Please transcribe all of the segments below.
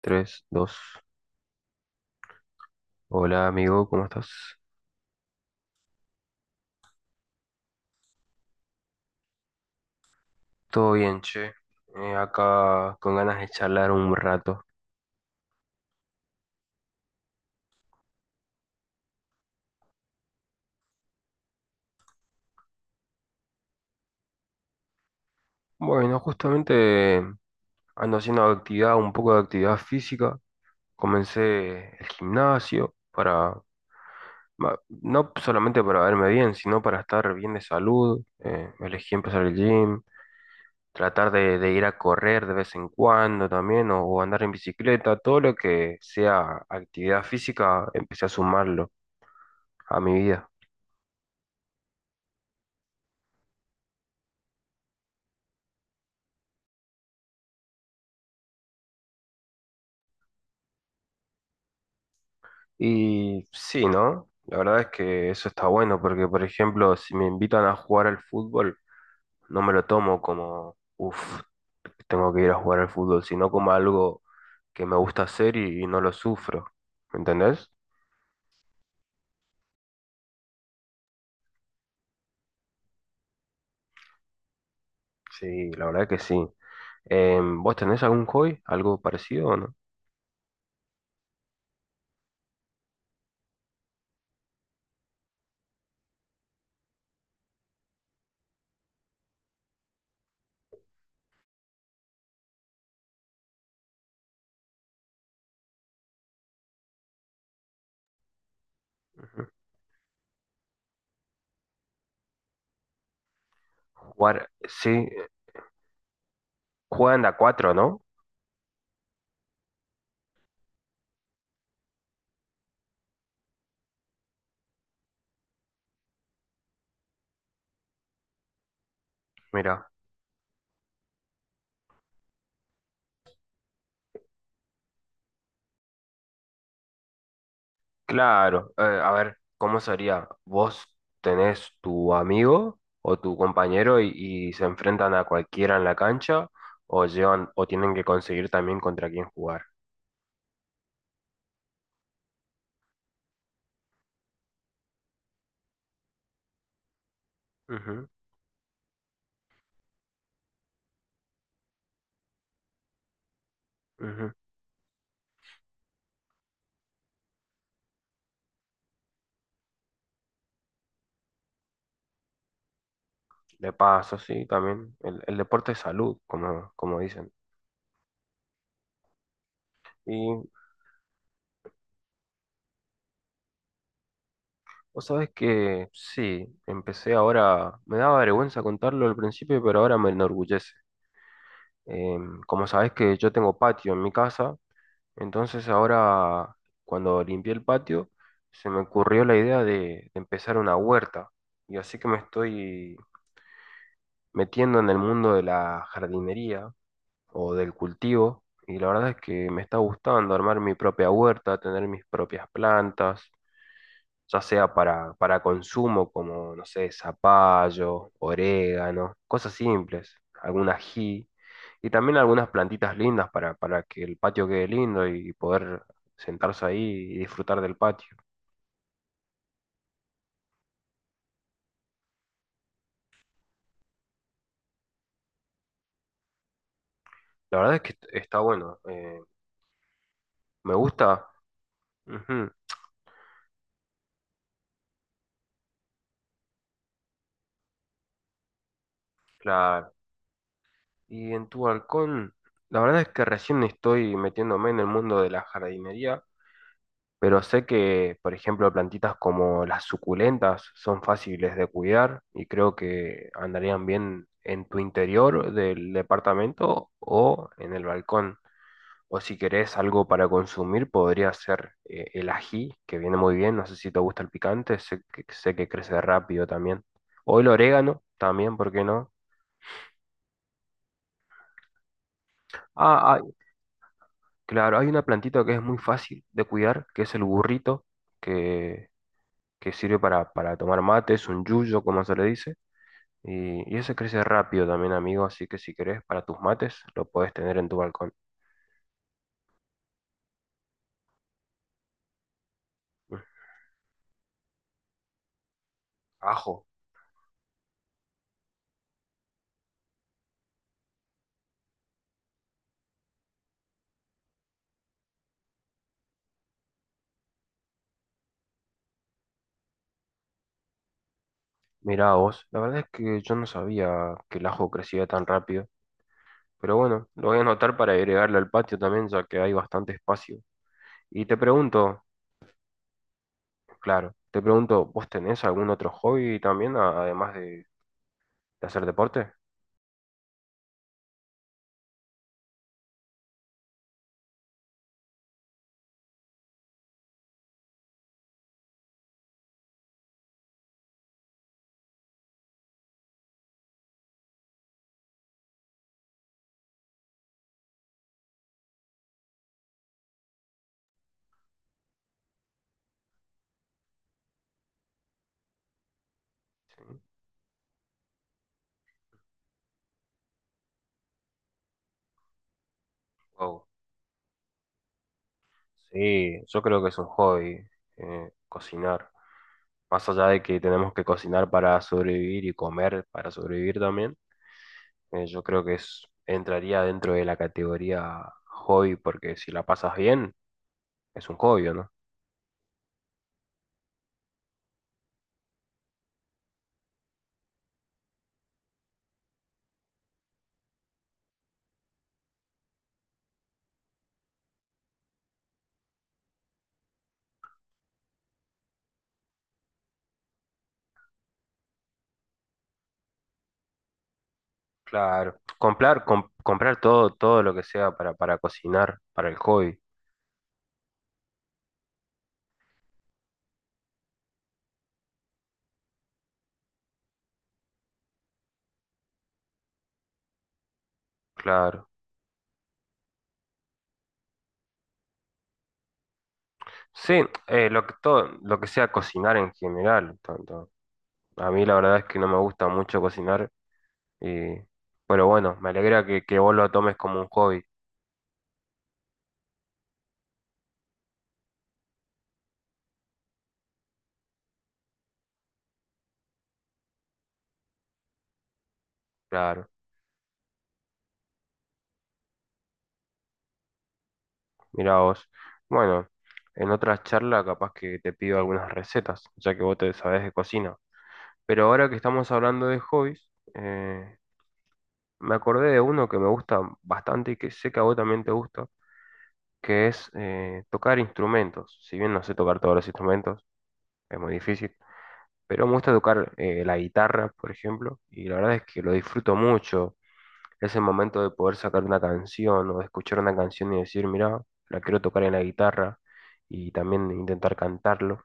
Tres dos. Hola amigo, ¿cómo estás? Todo bien, che. Acá con ganas de charlar un rato. Bueno, justamente ando haciendo actividad, un poco de actividad física. Comencé el gimnasio para, no solamente para verme bien, sino para estar bien de salud. Elegí empezar el gym, tratar de ir a correr de vez en cuando también, o andar en bicicleta, todo lo que sea actividad física, empecé a sumarlo a mi vida. Y sí, ¿no? La verdad es que eso está bueno porque, por ejemplo, si me invitan a jugar al fútbol, no me lo tomo como, uff, tengo que ir a jugar al fútbol, sino como algo que me gusta hacer y no lo sufro. ¿Me entendés? Sí, la verdad que sí. ¿Vos tenés algún hobby? ¿Algo parecido o no? Ujú. Jugar, sí, juegan de a cuatro, ¿no? Mira. Claro, a ver, ¿cómo sería? ¿Vos tenés tu amigo o tu compañero y se enfrentan a cualquiera en la cancha o llevan o tienen que conseguir también contra quién jugar? Ujú, ujú. De paso, sí, también. El deporte es salud, como, como dicen. Y vos sabés que sí, empecé ahora, me daba vergüenza contarlo al principio, pero ahora me enorgullece. Como sabés que yo tengo patio en mi casa. Entonces ahora, cuando limpié el patio, se me ocurrió la idea de empezar una huerta. Y así que me estoy metiendo en el mundo de la jardinería o del cultivo. Y la verdad es que me está gustando armar mi propia huerta, tener mis propias plantas, ya sea para, consumo como, no sé, zapallo, orégano, cosas simples, algún ají. Y también algunas plantitas lindas para que el patio quede lindo y poder sentarse ahí y disfrutar del patio. La verdad es que está bueno. Me gusta. Ujú, claro. Y en tu balcón, la verdad es que recién estoy metiéndome en el mundo de la jardinería, pero sé que, por ejemplo, plantitas como las suculentas son fáciles de cuidar y creo que andarían bien en tu interior del departamento o en el balcón. O si querés algo para consumir, podría ser el ají, que viene muy bien. No sé si te gusta el picante, sé que crece rápido también. O el orégano también, ¿por qué no? Ah, ah, claro, hay una plantita que es muy fácil de cuidar, que es el burrito, que, que sirve para tomar mate, es un yuyo, como se le dice. Y ese crece rápido también, amigo, así que si querés para tus mates, lo podés tener en tu balcón. Mm. Ajo, mirá vos, la verdad es que yo no sabía que el ajo crecía tan rápido. Pero bueno, lo voy a anotar para agregarle al patio también, ya que hay bastante espacio. Y te pregunto, claro, te pregunto, ¿vos tenés algún otro hobby también, además de hacer deporte? Sí. Wow. Sí, yo creo que es un hobby, cocinar. Más allá de que tenemos que cocinar para sobrevivir y comer para sobrevivir también, yo creo que es, entraría dentro de la categoría hobby, porque si la pasas bien, es un hobby, ¿o no? Claro, comprar, comprar todo, lo que sea para cocinar, para el hobby, claro. Sí, lo que todo, lo que sea cocinar en general, tanto. A mí la verdad es que no me gusta mucho cocinar, y, pero bueno, me alegra que vos lo tomes como un hobby, claro. Mira vos. Bueno, en otra charla capaz que te pido algunas recetas, ya que vos te sabés de cocina. Pero ahora que estamos hablando de hobbies, me acordé de uno que me gusta bastante y que sé que a vos también te gusta que es tocar instrumentos. Si bien no sé tocar todos los instrumentos, es muy difícil, pero me gusta tocar la guitarra, por ejemplo, y la verdad es que lo disfruto mucho. Ese momento de poder sacar una canción o de escuchar una canción y decir, mira, la quiero tocar en la guitarra y también intentar cantarlo.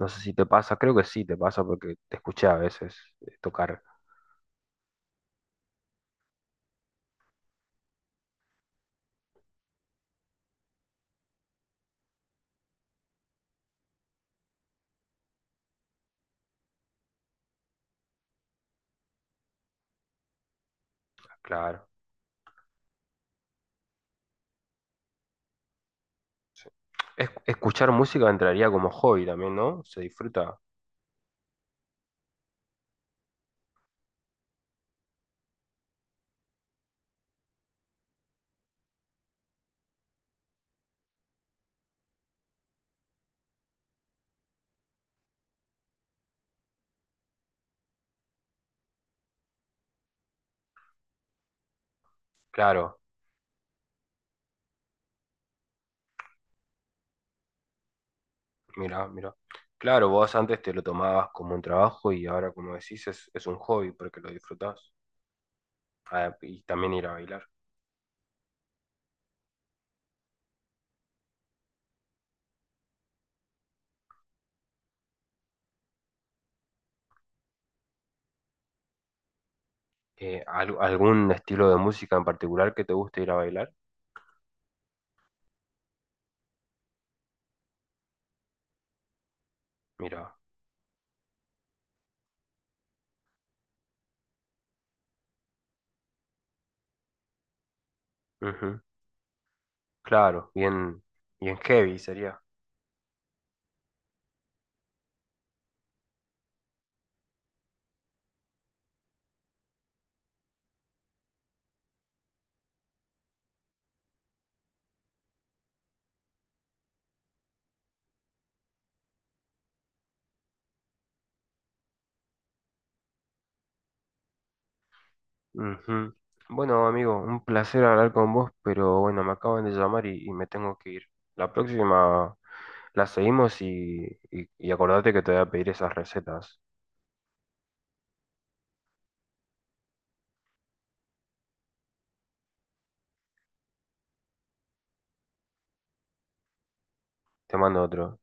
No sé si te pasa, creo que sí te pasa porque te escuché a veces tocar, claro. Escuchar música entraría como hobby también, ¿no? Se disfruta, claro. Mira, mira. Claro, vos antes te lo tomabas como un trabajo y ahora, como decís, es un hobby porque lo disfrutás. Ah, y también ir a bailar. ¿Algún estilo de música en particular que te guste ir a bailar? Mira, ujú. Claro, bien, bien heavy sería. Ujú. Bueno, amigo, un placer hablar con vos, pero bueno, me acaban de llamar y me tengo que ir. La próxima la seguimos y acordate que te voy a pedir esas recetas. Te mando otro.